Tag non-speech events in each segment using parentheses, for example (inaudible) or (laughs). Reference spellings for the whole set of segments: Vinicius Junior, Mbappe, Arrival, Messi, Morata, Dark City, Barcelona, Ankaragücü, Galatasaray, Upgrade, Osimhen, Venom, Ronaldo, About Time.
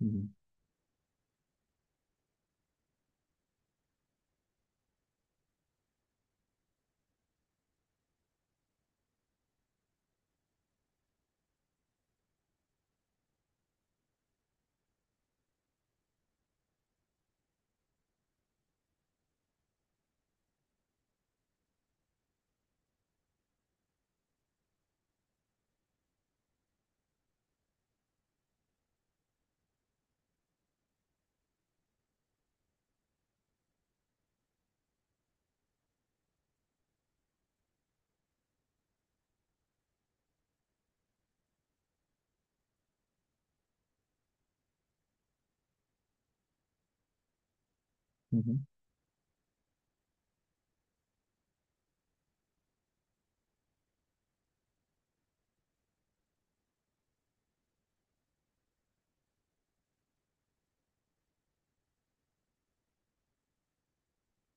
Hı hı, hı. Hı.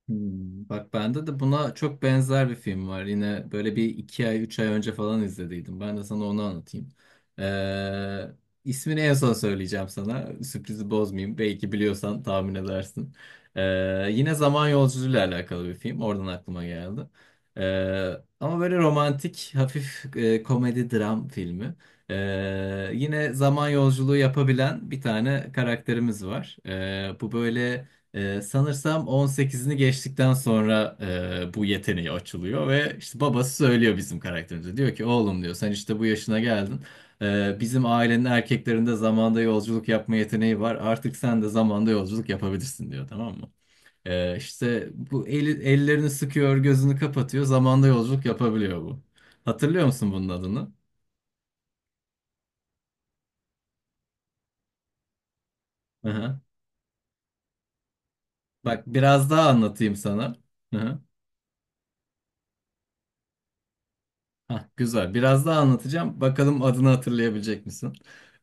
Hmm. Bak bende de buna çok benzer bir film var. Yine böyle bir iki ay, üç ay önce falan izlediydim. Ben de sana onu anlatayım. Ee, ismini en son söyleyeceğim sana. Sürprizi bozmayayım. Belki biliyorsan tahmin edersin. Ee, yine zaman yolculuğuyla alakalı bir film. Oradan aklıma geldi. Ee, ama böyle romantik, hafif komedi dram filmi. Yine zaman yolculuğu yapabilen bir tane karakterimiz var. Sanırsam 18'ini geçtikten sonra bu yeteneği açılıyor ve işte babası söylüyor bizim karakterimize. Diyor ki oğlum diyor sen işte bu yaşına geldin. Bizim ailenin erkeklerinde zamanda yolculuk yapma yeteneği var. Artık sen de zamanda yolculuk yapabilirsin diyor, tamam mı? İşte bu ellerini sıkıyor, gözünü kapatıyor. Zamanda yolculuk yapabiliyor bu. Hatırlıyor musun bunun adını? Hı hı. Bak biraz daha anlatayım sana. Hı hı. Hah, güzel. Biraz daha anlatacağım. Bakalım adını hatırlayabilecek misin?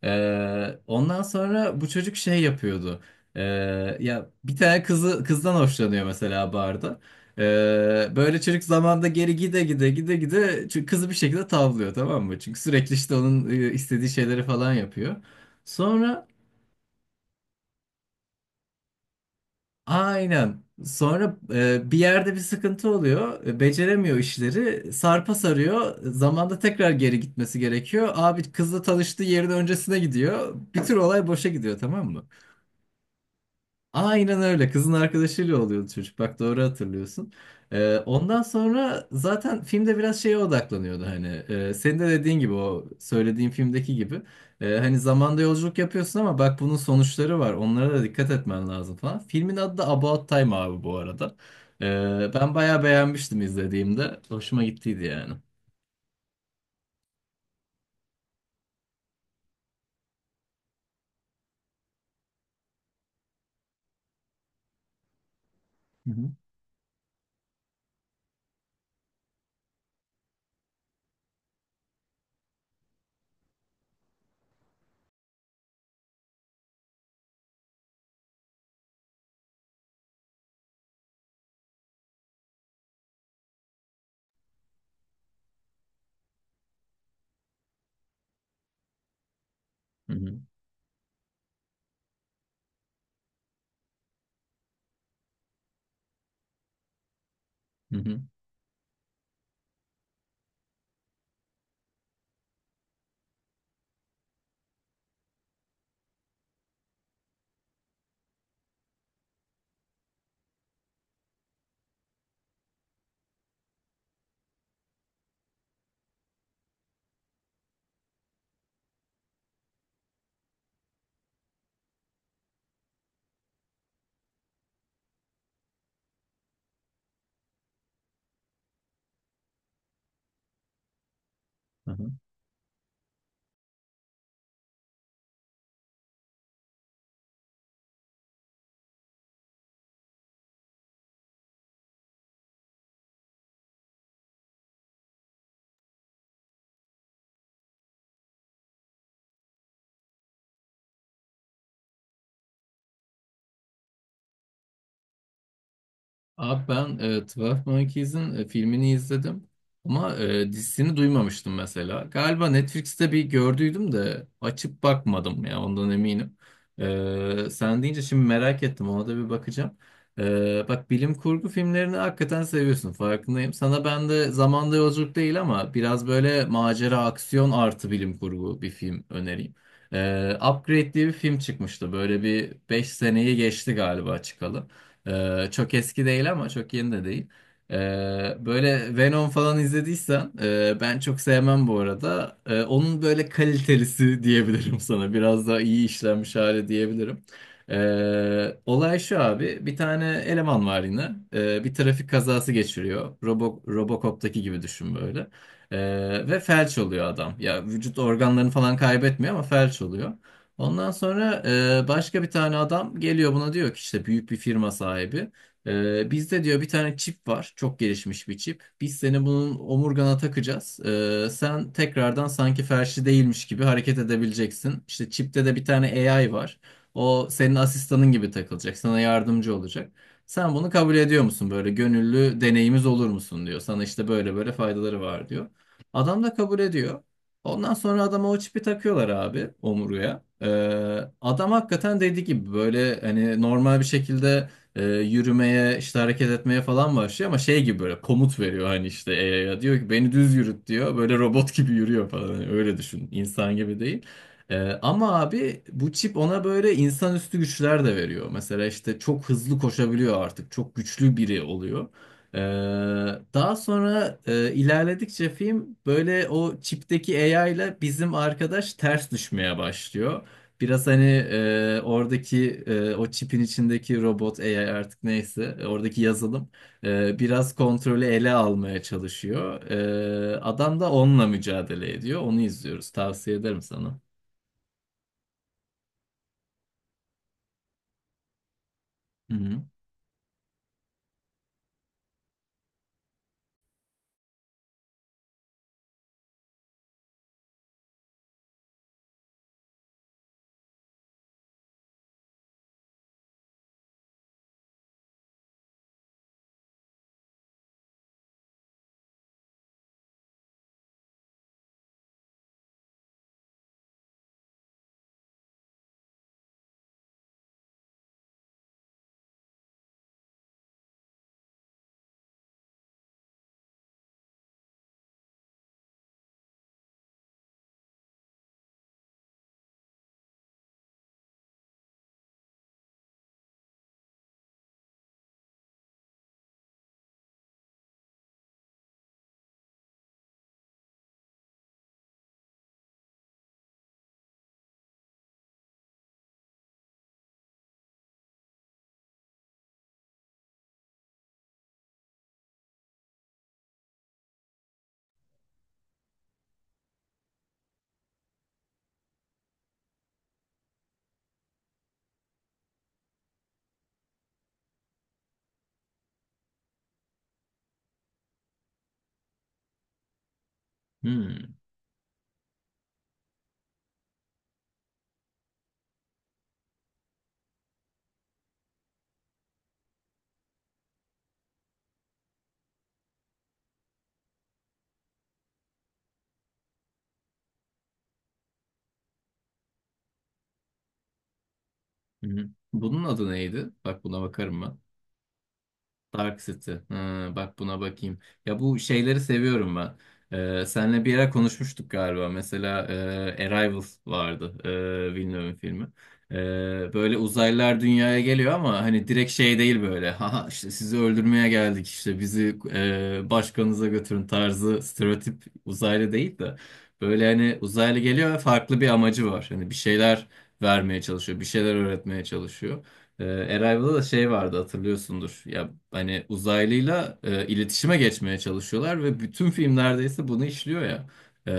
Ondan sonra bu çocuk şey yapıyordu. Ee, ya bir tane kızdan hoşlanıyor mesela barda. Böyle çocuk zamanda geri gide gide gide gide, çünkü kızı bir şekilde tavlıyor, tamam mı? Çünkü sürekli işte onun istediği şeyleri falan yapıyor. Sonra Aynen. Sonra bir yerde bir sıkıntı oluyor. Beceremiyor işleri. Sarpa sarıyor. Zamanda tekrar geri gitmesi gerekiyor. Abi kızla tanıştığı yerin öncesine gidiyor. Bir tür olay boşa gidiyor, tamam mı? Aynen öyle. Kızın arkadaşıyla oluyordu çocuk. Bak, doğru hatırlıyorsun. Ondan sonra zaten filmde biraz şeye odaklanıyordu hani. Senin de dediğin gibi, o söylediğin filmdeki gibi. Hani zamanda yolculuk yapıyorsun, ama bak bunun sonuçları var. Onlara da dikkat etmen lazım falan. Filmin adı da About Time abi bu arada. Ben bayağı beğenmiştim izlediğimde. Hoşuma gittiydi yani. Hı hı. Hı hı. Hı hı. Abi ben Twelve Monkeys'in filmini izledim, ama dizisini duymamıştım mesela. Galiba Netflix'te bir gördüydüm de açıp bakmadım, ya ondan eminim. Sen deyince şimdi merak ettim, ona da bir bakacağım. Bak bilim kurgu filmlerini hakikaten seviyorsun, farkındayım. Sana ben de zamanda yolculuk değil ama biraz böyle macera aksiyon artı bilim kurgu bir film önereyim. Upgrade diye bir film çıkmıştı, böyle bir 5 seneyi geçti galiba çıkalı. Çok eski değil ama çok yeni de değil. Böyle Venom falan izlediysen, ben çok sevmem bu arada. Onun böyle kalitelisi (laughs) diyebilirim sana. Biraz daha iyi işlenmiş hali diyebilirim. Olay şu abi. Bir tane eleman var yine. Bir trafik kazası geçiriyor. Robocop'taki gibi düşün böyle. Ve felç oluyor adam. Ya vücut organlarını falan kaybetmiyor ama felç oluyor. Ondan sonra başka bir tane adam geliyor buna, diyor ki işte büyük bir firma sahibi. Bizde diyor bir tane çip var. Çok gelişmiş bir çip. Biz seni bunun omurgana takacağız. Sen tekrardan sanki felçli değilmiş gibi hareket edebileceksin. İşte çipte de bir tane AI var. O senin asistanın gibi takılacak. Sana yardımcı olacak. Sen bunu kabul ediyor musun? Böyle gönüllü deneyimiz olur musun diyor. Sana işte böyle böyle faydaları var diyor. Adam da kabul ediyor. Ondan sonra adama o çipi takıyorlar abi, omurguya. Adam hakikaten dediği gibi böyle hani normal bir şekilde yürümeye işte hareket etmeye falan başlıyor, ama şey gibi böyle komut veriyor hani, işte AI'ya diyor ki beni düz yürüt, diyor. Böyle robot gibi yürüyor falan. Hani öyle düşün, insan gibi değil. Ama abi bu çip ona böyle insanüstü güçler de veriyor. Mesela işte çok hızlı koşabiliyor, artık çok güçlü biri oluyor. Ee, daha sonra ilerledikçe film böyle o çipteki AI ile bizim arkadaş ters düşmeye başlıyor. Biraz hani oradaki o çipin içindeki robot AI artık, neyse, oradaki yazılım biraz kontrolü ele almaya çalışıyor. Adam da onunla mücadele ediyor. Onu izliyoruz. Tavsiye ederim sana. Hı hı. Hmm. Hı hı. Bunun adı neydi? Bak, buna bakarım ben. Dark City. Ha, bak buna bakayım. Ya bu şeyleri seviyorum ben. Senle bir ara konuşmuştuk galiba. Mesela Arrival vardı. Villeneuve'ün filmi. Ee, böyle uzaylılar dünyaya geliyor, ama hani direkt şey değil böyle. (laughs) Haha, işte sizi öldürmeye geldik, işte bizi başkanınıza götürün tarzı stereotip uzaylı değil de. Böyle hani uzaylı geliyor ve farklı bir amacı var. Hani bir şeyler vermeye çalışıyor. Bir şeyler öğretmeye çalışıyor. Arrival'da da şey vardı, hatırlıyorsundur. Ya hani uzaylıyla iletişime geçmeye çalışıyorlar ve bütün film neredeyse bunu işliyor ya. Ee,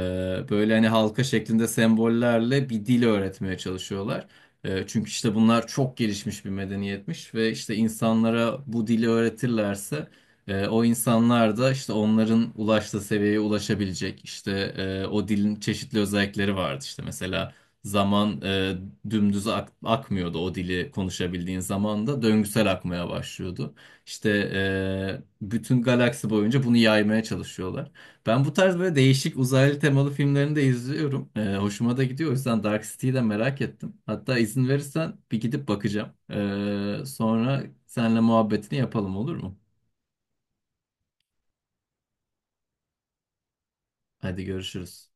böyle hani halka şeklinde sembollerle bir dil öğretmeye çalışıyorlar. Çünkü işte bunlar çok gelişmiş bir medeniyetmiş ve işte insanlara bu dili öğretirlerse o insanlar da işte onların ulaştığı seviyeye ulaşabilecek. İşte o dilin çeşitli özellikleri vardı işte mesela. Zaman dümdüz akmıyordu, o dili konuşabildiğin zaman da döngüsel akmaya başlıyordu. İşte bütün galaksi boyunca bunu yaymaya çalışıyorlar. Ben bu tarz böyle değişik uzaylı temalı filmlerini de izliyorum. Hoşuma da gidiyor. O yüzden Dark City'yi de merak ettim. Hatta izin verirsen bir gidip bakacağım. Sonra seninle muhabbetini yapalım, olur mu? Hadi görüşürüz.